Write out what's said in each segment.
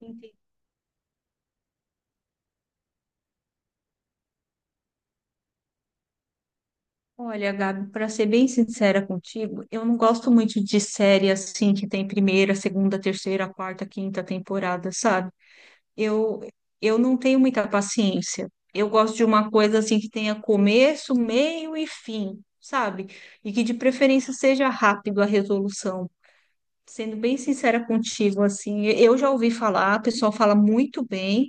Entendi. Olha, Gabi, para ser bem sincera contigo, eu não gosto muito de série assim que tem primeira, segunda, terceira, quarta, quinta temporada, sabe? Eu eu não tenho muita paciência. Eu gosto de uma coisa assim que tenha começo, meio e fim, sabe? E que de preferência seja rápido a resolução. Sendo bem sincera contigo, assim, eu já ouvi falar, o pessoal fala muito bem,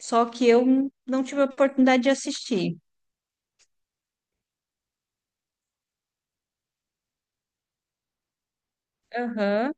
só que eu não tive a oportunidade de assistir. Aham.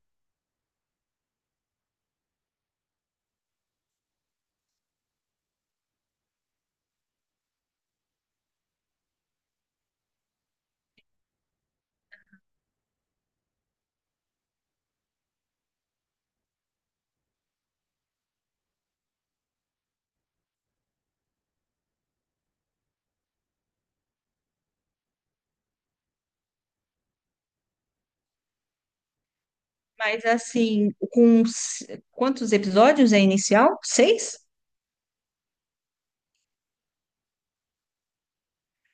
Mas assim, quantos episódios é inicial? Seis?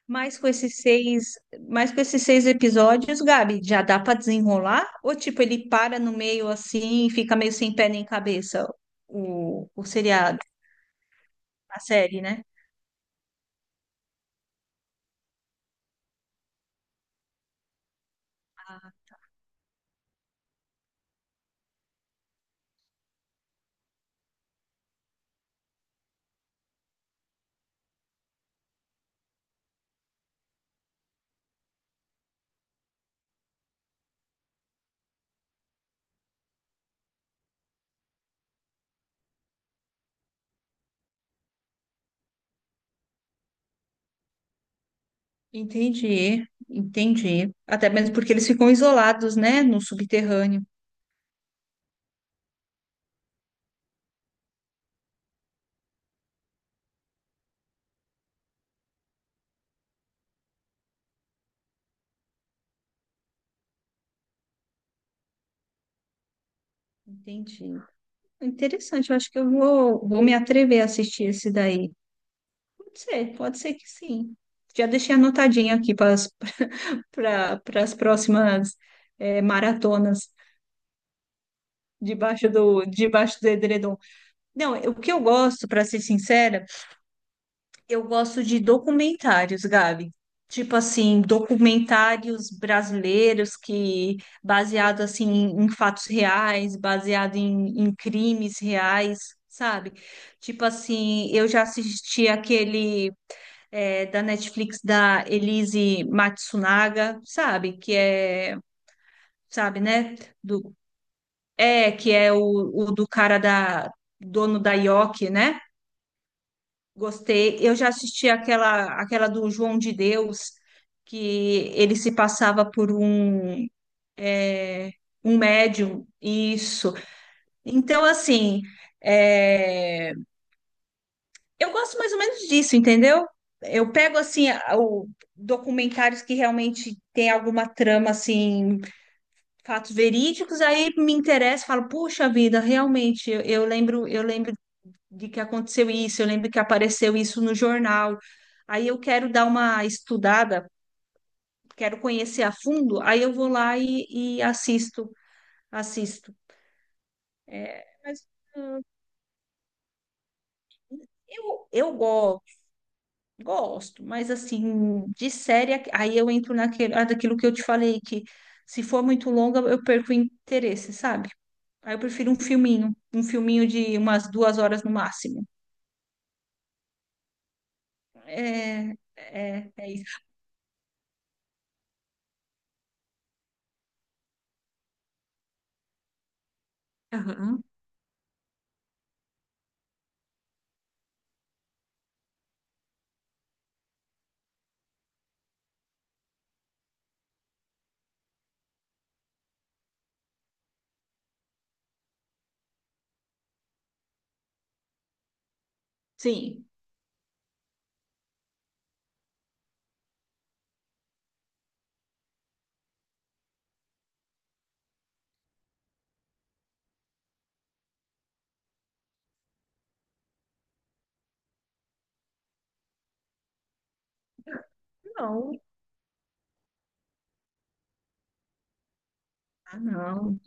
Mas com esses seis, mas com esses seis episódios, Gabi, já dá para desenrolar? Ou tipo, ele para no meio assim, e fica meio sem pé nem cabeça o seriado, a série, né? Entendi, entendi. Até mesmo porque eles ficam isolados, né, no subterrâneo. Entendi. Interessante, eu acho que eu vou me atrever a assistir esse daí. Pode ser que sim. Já deixei anotadinho aqui para as pras próximas maratonas debaixo do edredom. Não, o que eu gosto, para ser sincera, eu gosto de documentários, Gabi. Tipo assim, documentários brasileiros que baseado assim em fatos reais, baseado em crimes reais, sabe? Tipo assim, eu já assisti aquele da Netflix da Elise Matsunaga, sabe? Que é, sabe, né? Do, que é o do cara da dono da Yoki, né? Gostei. Eu já assisti aquela, aquela do João de Deus, que ele se passava por um, é, um médium. Isso. Então, assim, é, eu gosto mais ou menos disso, entendeu? Eu pego, assim, a- o... documentários que realmente tem alguma trama, assim, fatos verídicos, aí me interessa, falo, puxa vida, realmente, eu lembro, eu lembro de que aconteceu isso, eu lembro que apareceu isso no jornal. Aí eu quero dar uma estudada, quero conhecer a fundo, aí eu vou lá e assisto, assisto. É, mas eu gosto, gosto, mas assim, de série, aí eu entro naquele, ah, daquilo que eu te falei, que se for muito longa, eu perco o interesse, sabe? Aí eu prefiro um filminho de umas 2 horas no máximo. É, é, é isso. Aham. Sim. Não, ah, não.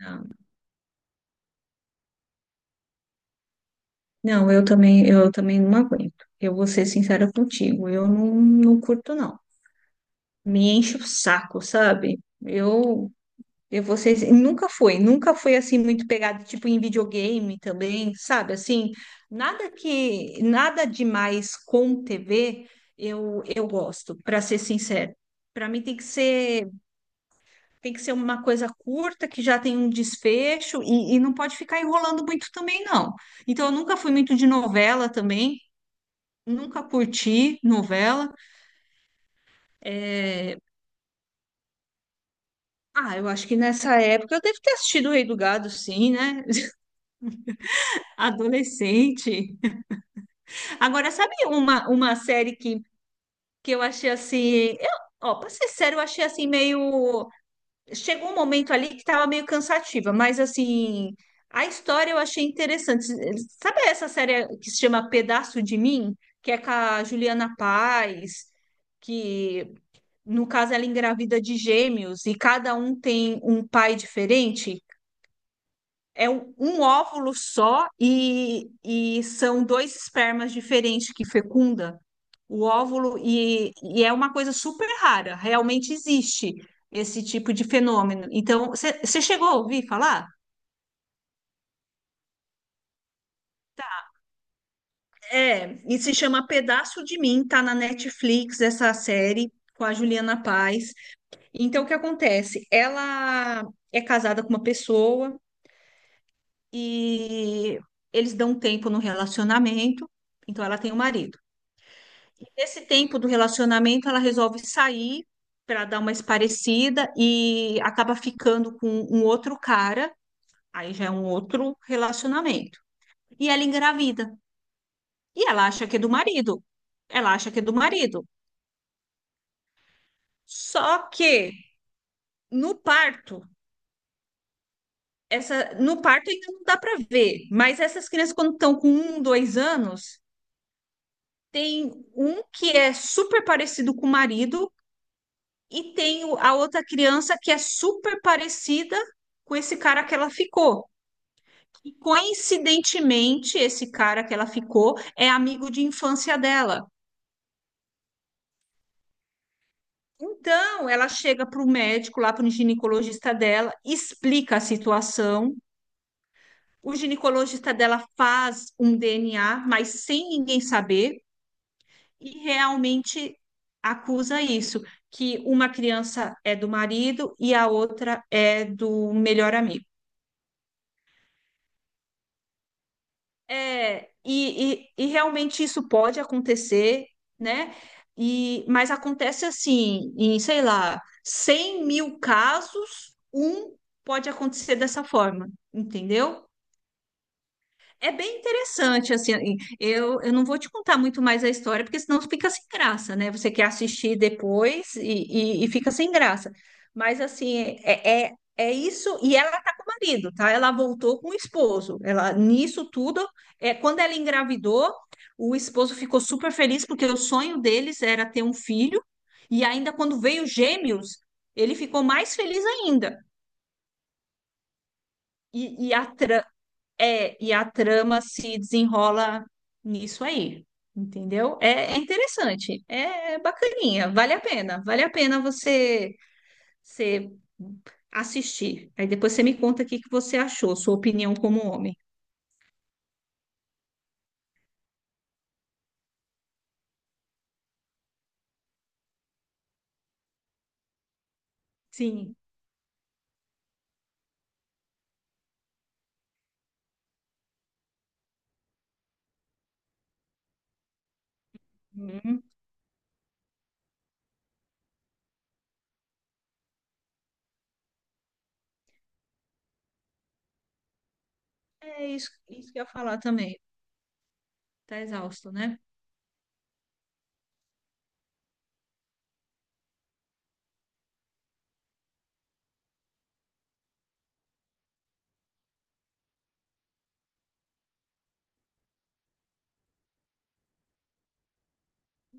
Não, não, eu também não aguento. Eu vou ser sincera contigo, eu não curto, não. Me enche o saco, sabe? Eu vou ser, nunca foi, nunca foi assim muito pegado, tipo em videogame também, sabe? Assim, nada demais com TV, eu gosto, para ser sincera. Para mim tem que ser uma coisa curta, que já tem um desfecho e não pode ficar enrolando muito também, não. Então, eu nunca fui muito de novela também. Nunca curti novela. É, ah, eu acho que nessa época eu devo ter assistido O Rei do Gado, sim, né? Adolescente. Agora, sabe uma série que eu achei assim. Ó, pra ser sério, eu achei assim meio. Chegou um momento ali que tava meio cansativa, mas assim. A história eu achei interessante. Sabe essa série que se chama Pedaço de Mim? Que é com a Juliana Paz, que, no caso, ela engravida de gêmeos e cada um tem um pai diferente. É um óvulo só e são dois espermas diferentes que fecunda o óvulo e é uma coisa super rara. Realmente existe esse tipo de fenômeno. Então, você chegou a ouvir falar? É, e se chama Pedaço de Mim, tá na Netflix essa série com a Juliana Paz. Então, o que acontece? Ela é casada com uma pessoa e eles dão um tempo no relacionamento, então ela tem o um marido. Nesse tempo do relacionamento, ela resolve sair para dar uma esparecida e acaba ficando com um outro cara, aí já é um outro relacionamento. E ela engravida. E ela acha que é do marido. Ela acha que é do marido. Só que no parto, essa no parto ainda não dá para ver, mas essas crianças quando estão com um, 2 anos, tem um que é super parecido com o marido e tem a outra criança que é super parecida com esse cara que ela ficou. E coincidentemente, esse cara que ela ficou é amigo de infância dela. Então, ela chega para o médico, lá para o ginecologista dela, explica a situação. O ginecologista dela faz um DNA, mas sem ninguém saber. E realmente acusa isso, que uma criança é do marido e a outra é do melhor amigo. É, e realmente isso pode acontecer, né? E, mas acontece assim, em, sei lá, 100 mil casos, um pode acontecer dessa forma, entendeu? É bem interessante, assim, eu não vou te contar muito mais a história, porque senão fica sem graça, né? Você quer assistir depois e fica sem graça. Mas, assim, é isso, e ela tá com o marido, tá? Ela voltou com o esposo, ela, nisso tudo, é, quando ela engravidou, o esposo ficou super feliz, porque o sonho deles era ter um filho, e ainda quando veio gêmeos, ele ficou mais feliz ainda. E, e a e a trama se desenrola nisso aí, entendeu? É, é interessante, é bacaninha, vale a pena você assistir. Aí depois você me conta o que que você achou, sua opinião como homem. Sim. Uhum. É isso, isso que eu ia falar também. Tá exausto, né?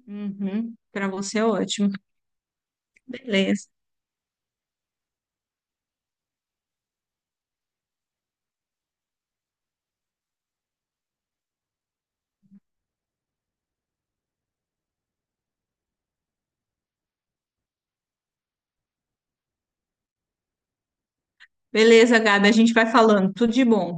Uhum. Para você é ótimo. Beleza. Beleza, Gabi, a gente vai falando. Tudo de bom.